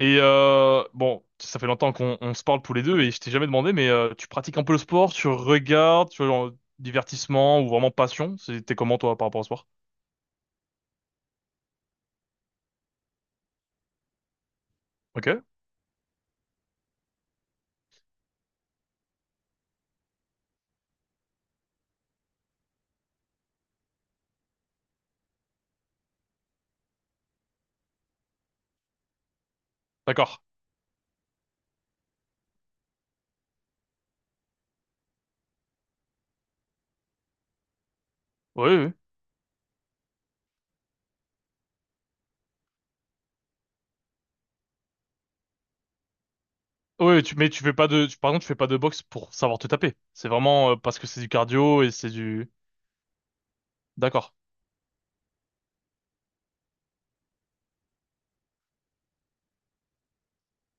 Et bon, ça fait longtemps qu'on se parle tous les deux et je t'ai jamais demandé, mais tu pratiques un peu le sport, tu regardes, tu vois, genre, divertissement ou vraiment passion? T'es comment toi par rapport au sport? Ok, d'accord. Oui, oui. Oui, mais tu fais pas de, tu, par exemple, tu fais pas de boxe pour savoir te taper. C'est vraiment parce que c'est du cardio et c'est du. D'accord.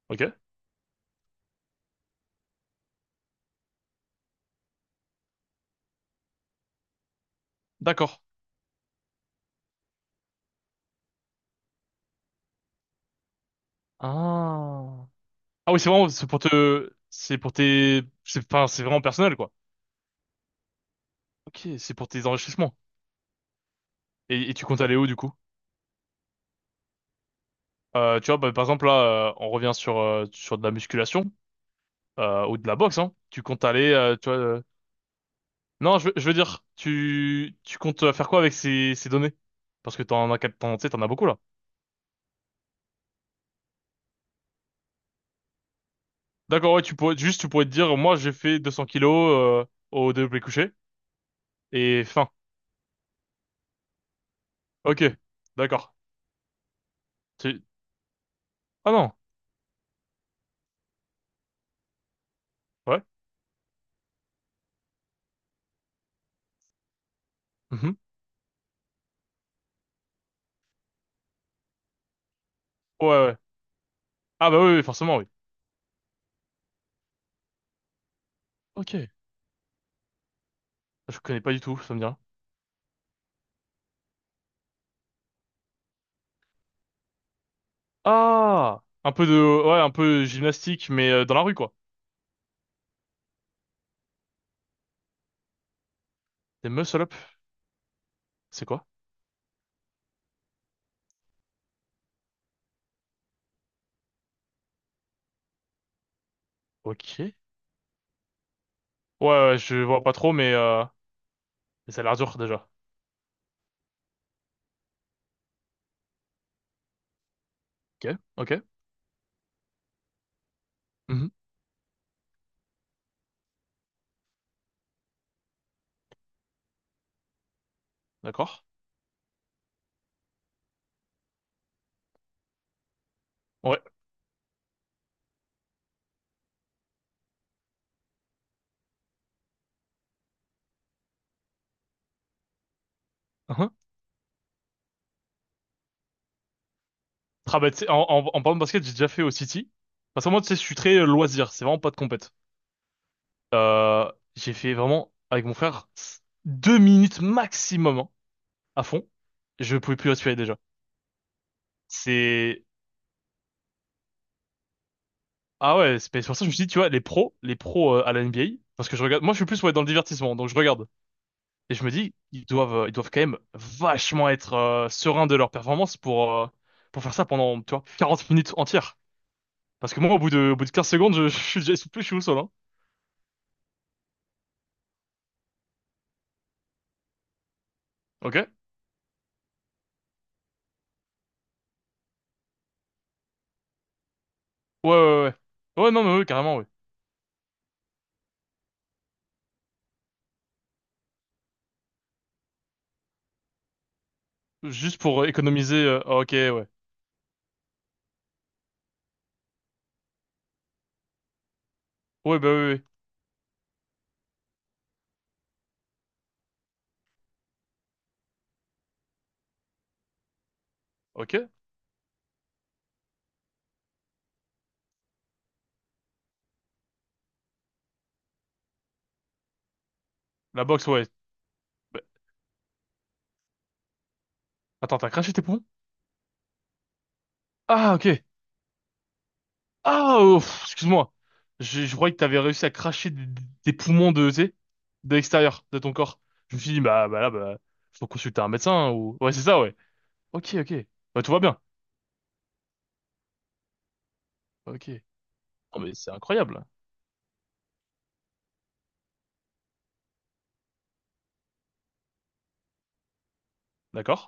Ok. D'accord. Ah. Ah oui, c'est vraiment, c'est pour te, c'est pour tes, c'est, enfin, c'est vraiment personnel quoi. Ok, c'est pour tes enrichissements. Et tu comptes aller où du coup? Tu vois, bah, par exemple, là, on revient sur, sur de la musculation ou de la boxe, hein. Tu comptes aller, tu vois... Non, je veux dire, tu comptes faire quoi avec ces données? Parce que t'en as, t'en, tu sais, t'en as beaucoup, là. D'accord, ouais, tu pourrais, juste, tu pourrais te dire, moi, j'ai fait 200 kilos au développé couché, et fin. Ok, d'accord. Tu... Ah non, ouais. Mhm. Ouais, ouais. Ah bah oui, oui, forcément, oui. Ok, je connais pas du tout, ça me dit rien. Ah! Un peu de... Ouais, un peu gymnastique, mais dans la rue, quoi. Des muscle-up, c'est quoi? Ok. Ouais, ouais, je vois pas trop, mais ça a l'air dur déjà. Ok, ok. Mhm. D'accord. Ouais. Mhm. Ah bah, tu sais, en parlant de basket, j'ai déjà fait au City. Parce que moi, tu sais, je suis très loisir, c'est vraiment pas de compète. J'ai fait vraiment, avec mon frère, 2 minutes maximum hein, à fond. Je pouvais plus respirer déjà. C'est... Ah ouais, c'est mais c'est pour ça que je me suis dit, tu vois, les pros à la NBA, parce que je regarde... Moi, je suis plus ouais, dans le divertissement, donc je regarde. Et je me dis, ils doivent quand même vachement être sereins de leur performance pour faire ça pendant, tu vois, 40 minutes entières. Parce que moi, au bout de 15 secondes, je, je suis déjà essoufflé, je suis au sol, hein. Ok? Ouais, ouais, ouais. Ouais, Ouais, non, mais oui, carrément, oui. Juste pour économiser, ah, ok, ouais. Ouais, bah oui, oui. Ok? La boxe, ouais. Bah, attends, t'as craché tes poumons? Ah, ok. Ah, oh, pff, excuse-moi. Je croyais que t'avais réussi à cracher des poumons de, tu sais, de l'extérieur de ton corps. Je me suis dit, bah, bah là, bah, faut consulter un médecin ou... Ouais, c'est ça, ouais. Ok, ok. Bah, tout va bien. Ok. Oh, mais c'est incroyable. D'accord.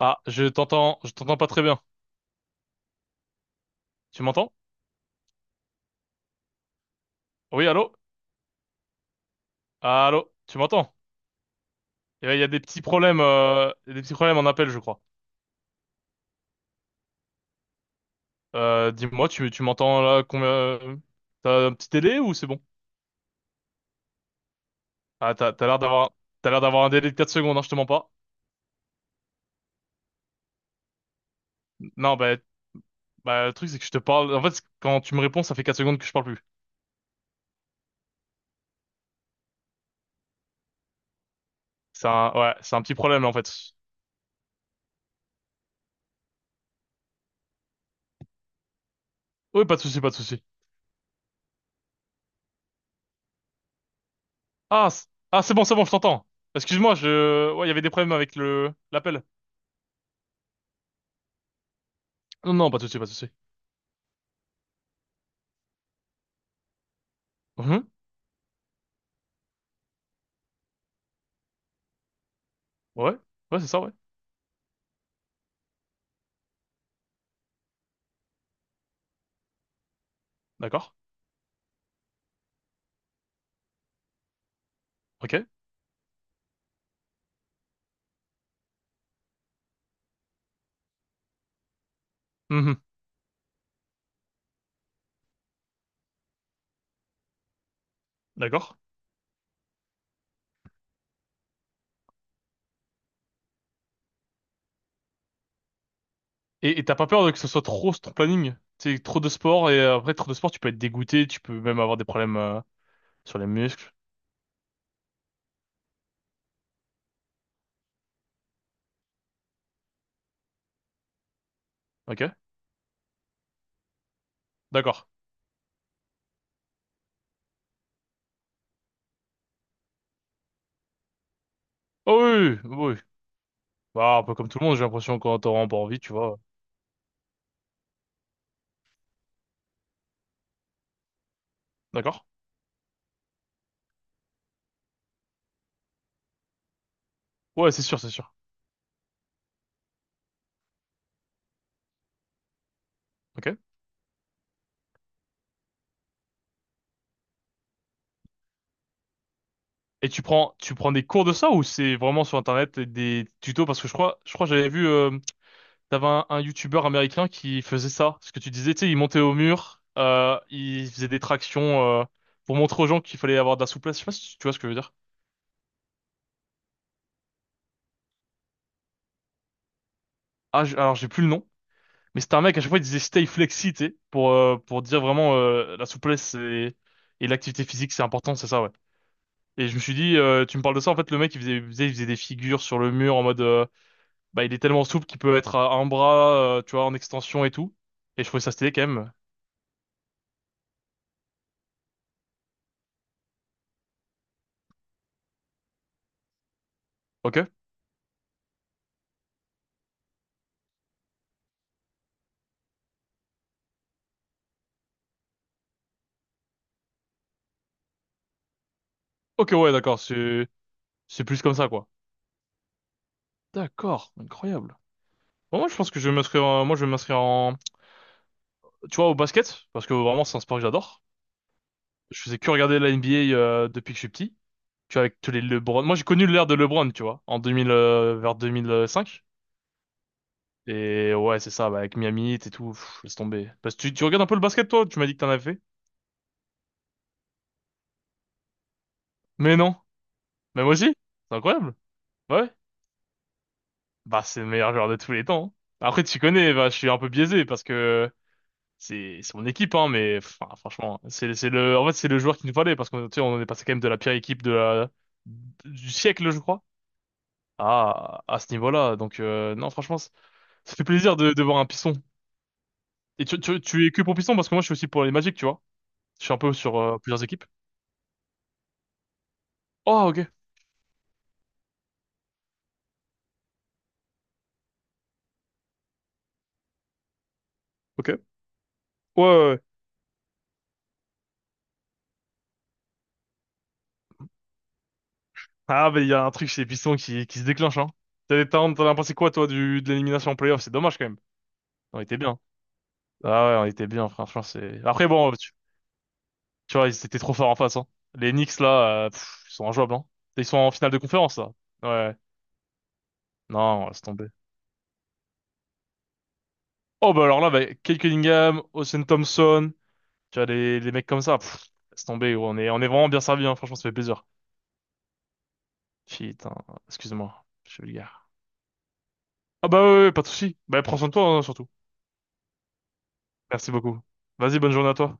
Ah, je t'entends pas très bien. Tu m'entends? Oui, allô? Ah, Allô? Tu m'entends? Eh ben, il y a des petits problèmes, en appel, je crois. Dis-moi, tu m'entends là combien? T'as un petit délai ou c'est bon? Ah, t'as l'air d'avoir un délai de 4 secondes, hein, je te mens pas. Non, bah, bah, le truc, c'est que je te parle. En fait, quand tu me réponds, ça fait 4 secondes que je parle plus. C'est un, ouais, c'est un petit problème, en fait. Oui, pas de souci, pas de souci. Ah, c- ah c'est bon, je t'entends. Excuse-moi, je... Ouais, il y avait des problèmes avec le l'appel. Non, non, pas de souci, pas de souci. Mhm. Ouais, ouais, c'est ça, ouais. D'accord. Ok. Mhm. D'accord. Et t'as pas peur de que ce soit trop sur ton planning? C'est trop de sport, et après, trop de sport, tu peux être dégoûté, tu peux même avoir des problèmes sur les muscles. Ok. D'accord. Oh oui, oui, oui, oui. Bah, un peu comme tout le monde, j'ai l'impression, quand t'auras pas envie, tu vois. D'accord. Ouais, c'est sûr, c'est sûr. Ok. Et tu prends des cours de ça ou c'est vraiment sur Internet et des tutos? Parce que je crois que j'avais vu... T'avais un youtubeur américain qui faisait ça, ce que tu disais, tu sais, il montait au mur, il faisait des tractions pour montrer aux gens qu'il fallait avoir de la souplesse. Je sais pas si tu vois ce que je veux dire. Ah, alors j'ai plus le nom, mais c'était un mec à chaque fois il disait stay flexi, tu sais, pour dire vraiment la souplesse et l'activité physique c'est important, c'est ça ouais. Et je me suis dit, tu me parles de ça, en fait le mec il faisait des figures sur le mur en mode, bah il est tellement souple qu'il peut être à un bras, tu vois, en extension et tout. Et je trouvais ça stylé quand même. Ok? Ok ouais d'accord, c'est plus comme ça quoi. D'accord, incroyable. Bon, moi, je pense que je vais m'inscrire, en- moi, je vais m'inscrire en, tu vois, au basket, parce que vraiment, c'est un sport que j'adore. Je faisais que regarder la NBA, depuis que je suis petit. Tu vois, avec tous les LeBron. Moi, j'ai connu l'ère de LeBron, tu vois, en 2000, vers 2005. Et ouais, c'est ça, bah, avec Miami Heat et tout, pff, laisse tomber. Parce que tu regardes un peu le basket, toi, tu m'as dit que t'en avais fait. Mais non. Mais moi aussi. C'est incroyable. Ouais. Bah, c'est le meilleur joueur de tous les temps, hein. Après, tu connais, bah, je suis un peu biaisé parce que c'est mon équipe hein mais enfin, franchement c'est le en fait c'est le joueur qui nous fallait parce qu'on tu sais, on est passé quand même de la pire équipe de la- du siècle je crois à ce niveau-là donc non franchement c- ça fait plaisir de voir un piston et tu es que pour piston parce que moi je suis aussi pour les Magic tu vois je suis un peu sur plusieurs équipes oh ok ok ouais ouais, ouais. Ah mais il y a un truc chez les pistons qui se déclenche hein t'en as pensé quoi toi du de l'élimination en playoff c'est dommage quand même on était bien ah ouais on était bien franchement c'est après bon. Tu vois, ils étaient trop forts en face, hein. Les Knicks, là, pff, ils sont injouables, hein. Ils sont en finale de conférence, là. Ouais. Non, laisse tomber. Oh, bah alors là, bah, Kate Cunningham, Austin Thompson, tu vois, les mecs comme ça, pff, laisse tomber, gros. On est vraiment bien servi, hein. Franchement, ça fait plaisir. Putain, excuse-moi, je suis vulgaire. Ah bah ouais, ouais, pas de souci. Bah prends soin de toi, hein, surtout. Merci beaucoup. Vas-y, bonne journée à toi.